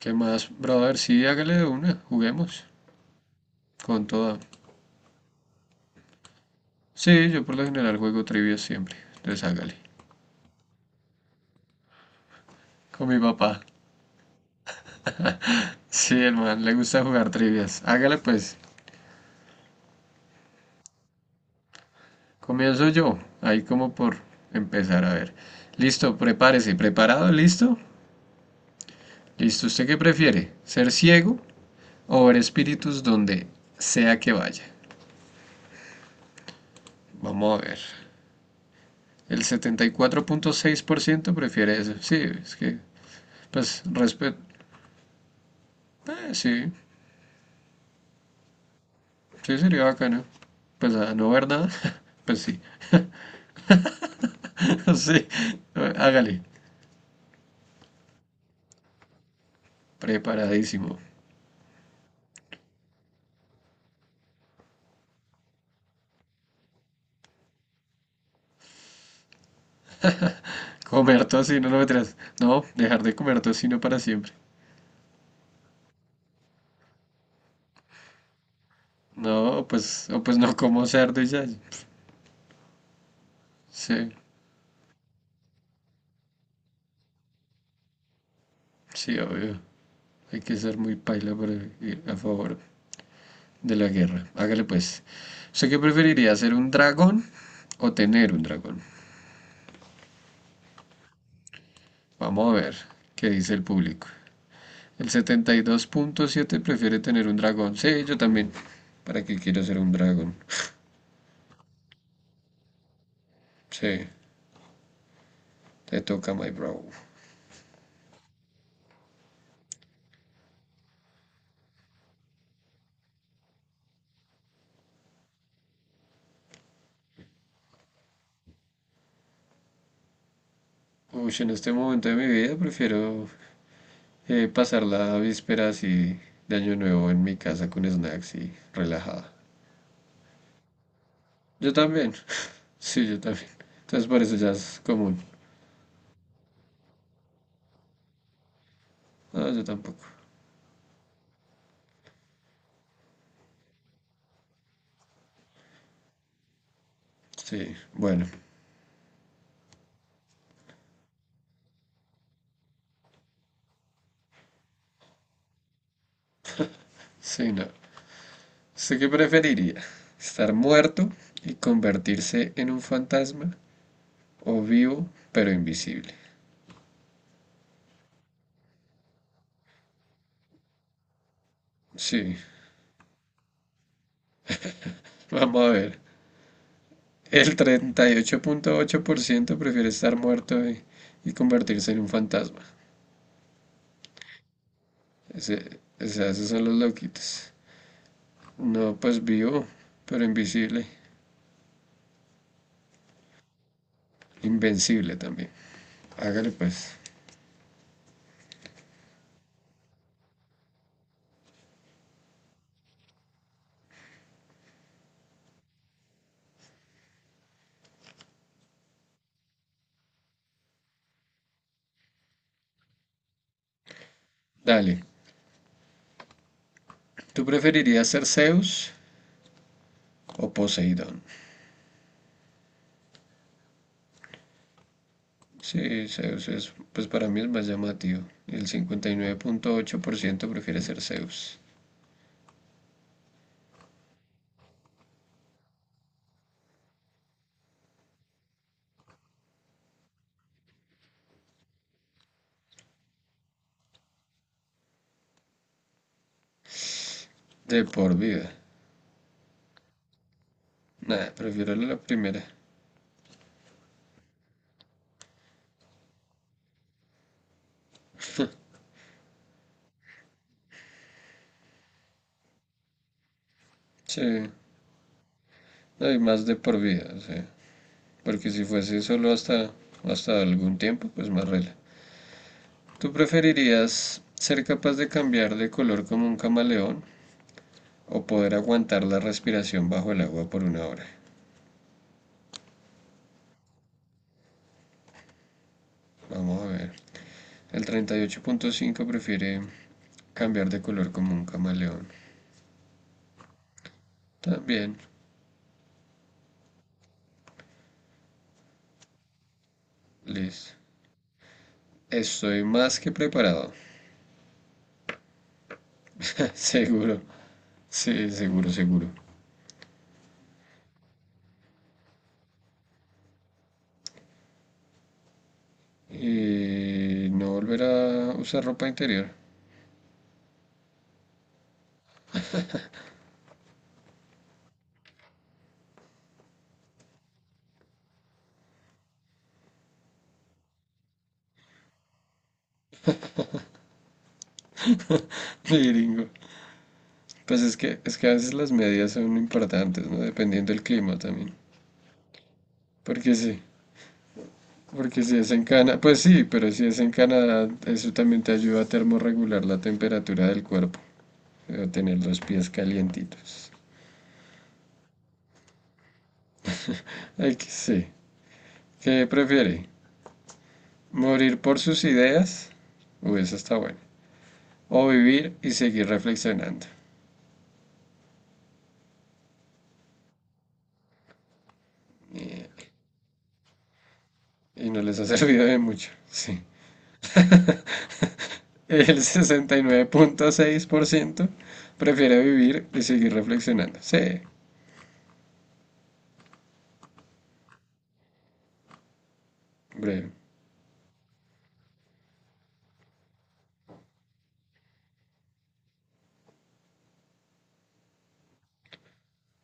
¿Qué más, brother? Sí, hágale de una, juguemos. Con toda. Sí, yo por lo general juego trivias siempre. Entonces hágale. Con mi papá. Sí, el man le gusta jugar trivias. Hágale pues. Comienzo yo. Ahí como por empezar a ver. Listo, prepárese. ¿Preparado? ¿Listo? Listo. ¿Usted qué prefiere? ¿Ser ciego o ver espíritus donde sea que vaya? Vamos a ver. El 74.6% prefiere eso. Sí, es que, pues, respeto. Sí, sí, sería bacano. Pues a no ver nada, pues sí, sí, hágale, preparadísimo. Comer tocino, no me traes. No, dejar de comer tocino para siempre. No, pues, o pues no como cerdo y ya. Sí, sí, obvio. Hay que ser muy paila para ir a favor de la guerra. Hágale pues. ¿Usted qué preferiría, ser un dragón o tener un dragón? Vamos a ver qué dice el público. El 72.7 prefiere tener un dragón. Sí, yo también. ¿Para qué quiero ser un dragón? Sí, te toca, my bro. Uy, en este momento de mi vida prefiero pasar la víspera así de Año Nuevo en mi casa con snacks y relajada. Yo también. Sí, yo también. Entonces por eso ya es común. No, yo tampoco. Sí, bueno. Sí, no. ¿Usted qué preferiría? ¿Estar muerto y convertirse en un fantasma o vivo pero invisible? Sí, vamos a ver. El treinta y ocho punto ocho por ciento prefiere estar muerto y convertirse en un fantasma. Ese, o esos son los loquitos. No, pues vivo, pero invisible. Invencible también. Hágale pues. Dale. ¿Tú preferirías ser Zeus o Poseidón? Sí, Zeus es, pues para mí es más llamativo. El 59.8% prefiere ser Zeus. De por vida. Nada, prefiero la primera. Sí, no hay más de por vida. Sí. Porque si fuese solo hasta algún tiempo, pues más rela. ¿Tú preferirías ser capaz de cambiar de color como un camaleón o poder aguantar la respiración bajo el agua por una hora? Vamos a ver. El 38.5 prefiere cambiar de color como un camaleón. También, listo. Estoy más que preparado. Seguro. Sí, seguro, seguro. Y no volver a usar ropa interior. Miringo. Pues es que a veces las medidas son importantes, ¿no? Dependiendo del clima también. Porque sí, porque si es en Canadá, pues sí, pero si es en Canadá, eso también te ayuda a termorregular la temperatura del cuerpo, o tener los pies calientitos. Ay, que sí. ¿Qué prefiere? ¿Morir por sus ideas? Uy, eso está bueno. O vivir y seguir reflexionando. Y, y no les ha servido de mucho, sí. El 69.6% prefiere vivir y seguir reflexionando. Sí. Hombre,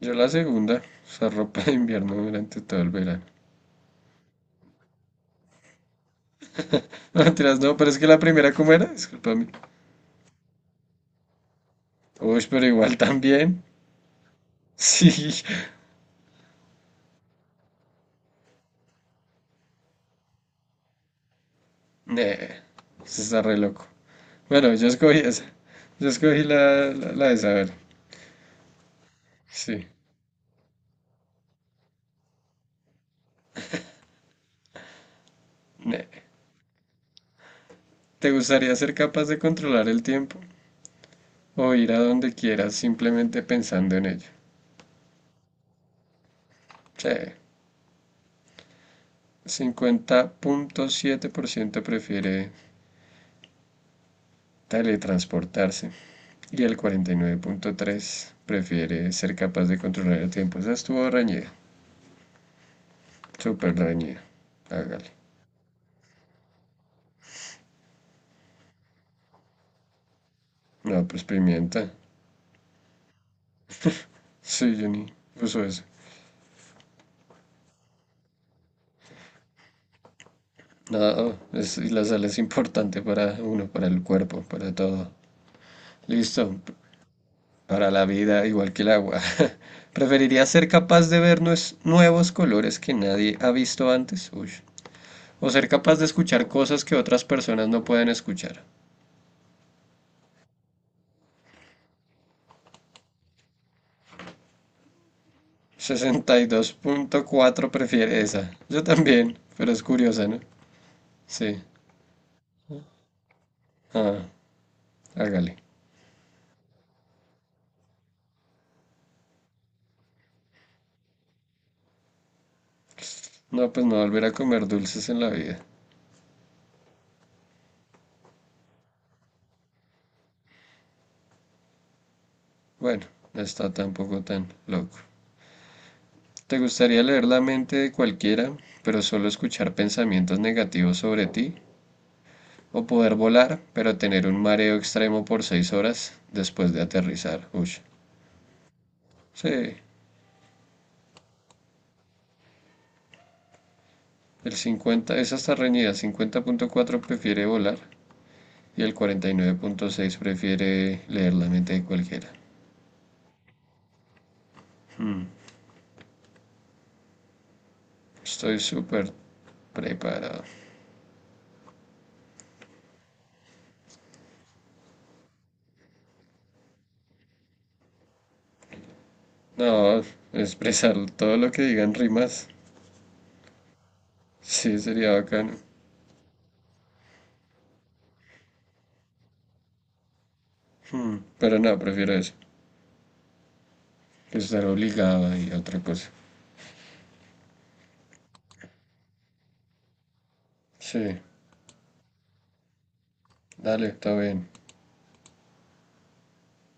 yo la segunda, usar ropa de invierno durante todo el verano. No, mentiras, no, pero es que la primera, ¿cómo era? Discúlpame. Uy, pero igual también. Sí, ne, se está re loco. Bueno, yo escogí esa. Yo escogí la de saber. Sí, ne. ¿Te gustaría ser capaz de controlar el tiempo o ir a donde quieras simplemente pensando en ello? Sí, 50.7% prefiere teletransportarse. Y el 49.3 prefiere ser capaz de controlar el tiempo. Esa estuvo reñida, súper reñida. Hágale. No, pues pimienta. Sí, yo ni uso eso. No, es, y la sal es importante para uno, para el cuerpo, para todo. Listo, para la vida, igual que el agua. ¿Preferiría ser capaz de ver nuevos colores que nadie ha visto antes? Uy. ¿O ser capaz de escuchar cosas que otras personas no pueden escuchar? 62.4 prefiere esa. Yo también, pero es curiosa, ¿no? Sí. Ah, hágale. No, pues no volver a comer dulces en la vida. Bueno, no está tampoco tan loco. ¿Te gustaría leer la mente de cualquiera, pero solo escuchar pensamientos negativos sobre ti? ¿O poder volar, pero tener un mareo extremo por 6 horas después de aterrizar? Uy. Sí, el cincuenta, esa está reñida. 50.4 prefiere volar y el 49.6 prefiere leer la mente de cualquiera. Estoy súper preparado. No, expresar todo lo que digan rimas, sí sería bacano. Pero no, prefiero eso, que estar obligado y otra cosa. Sí, dale, está bien.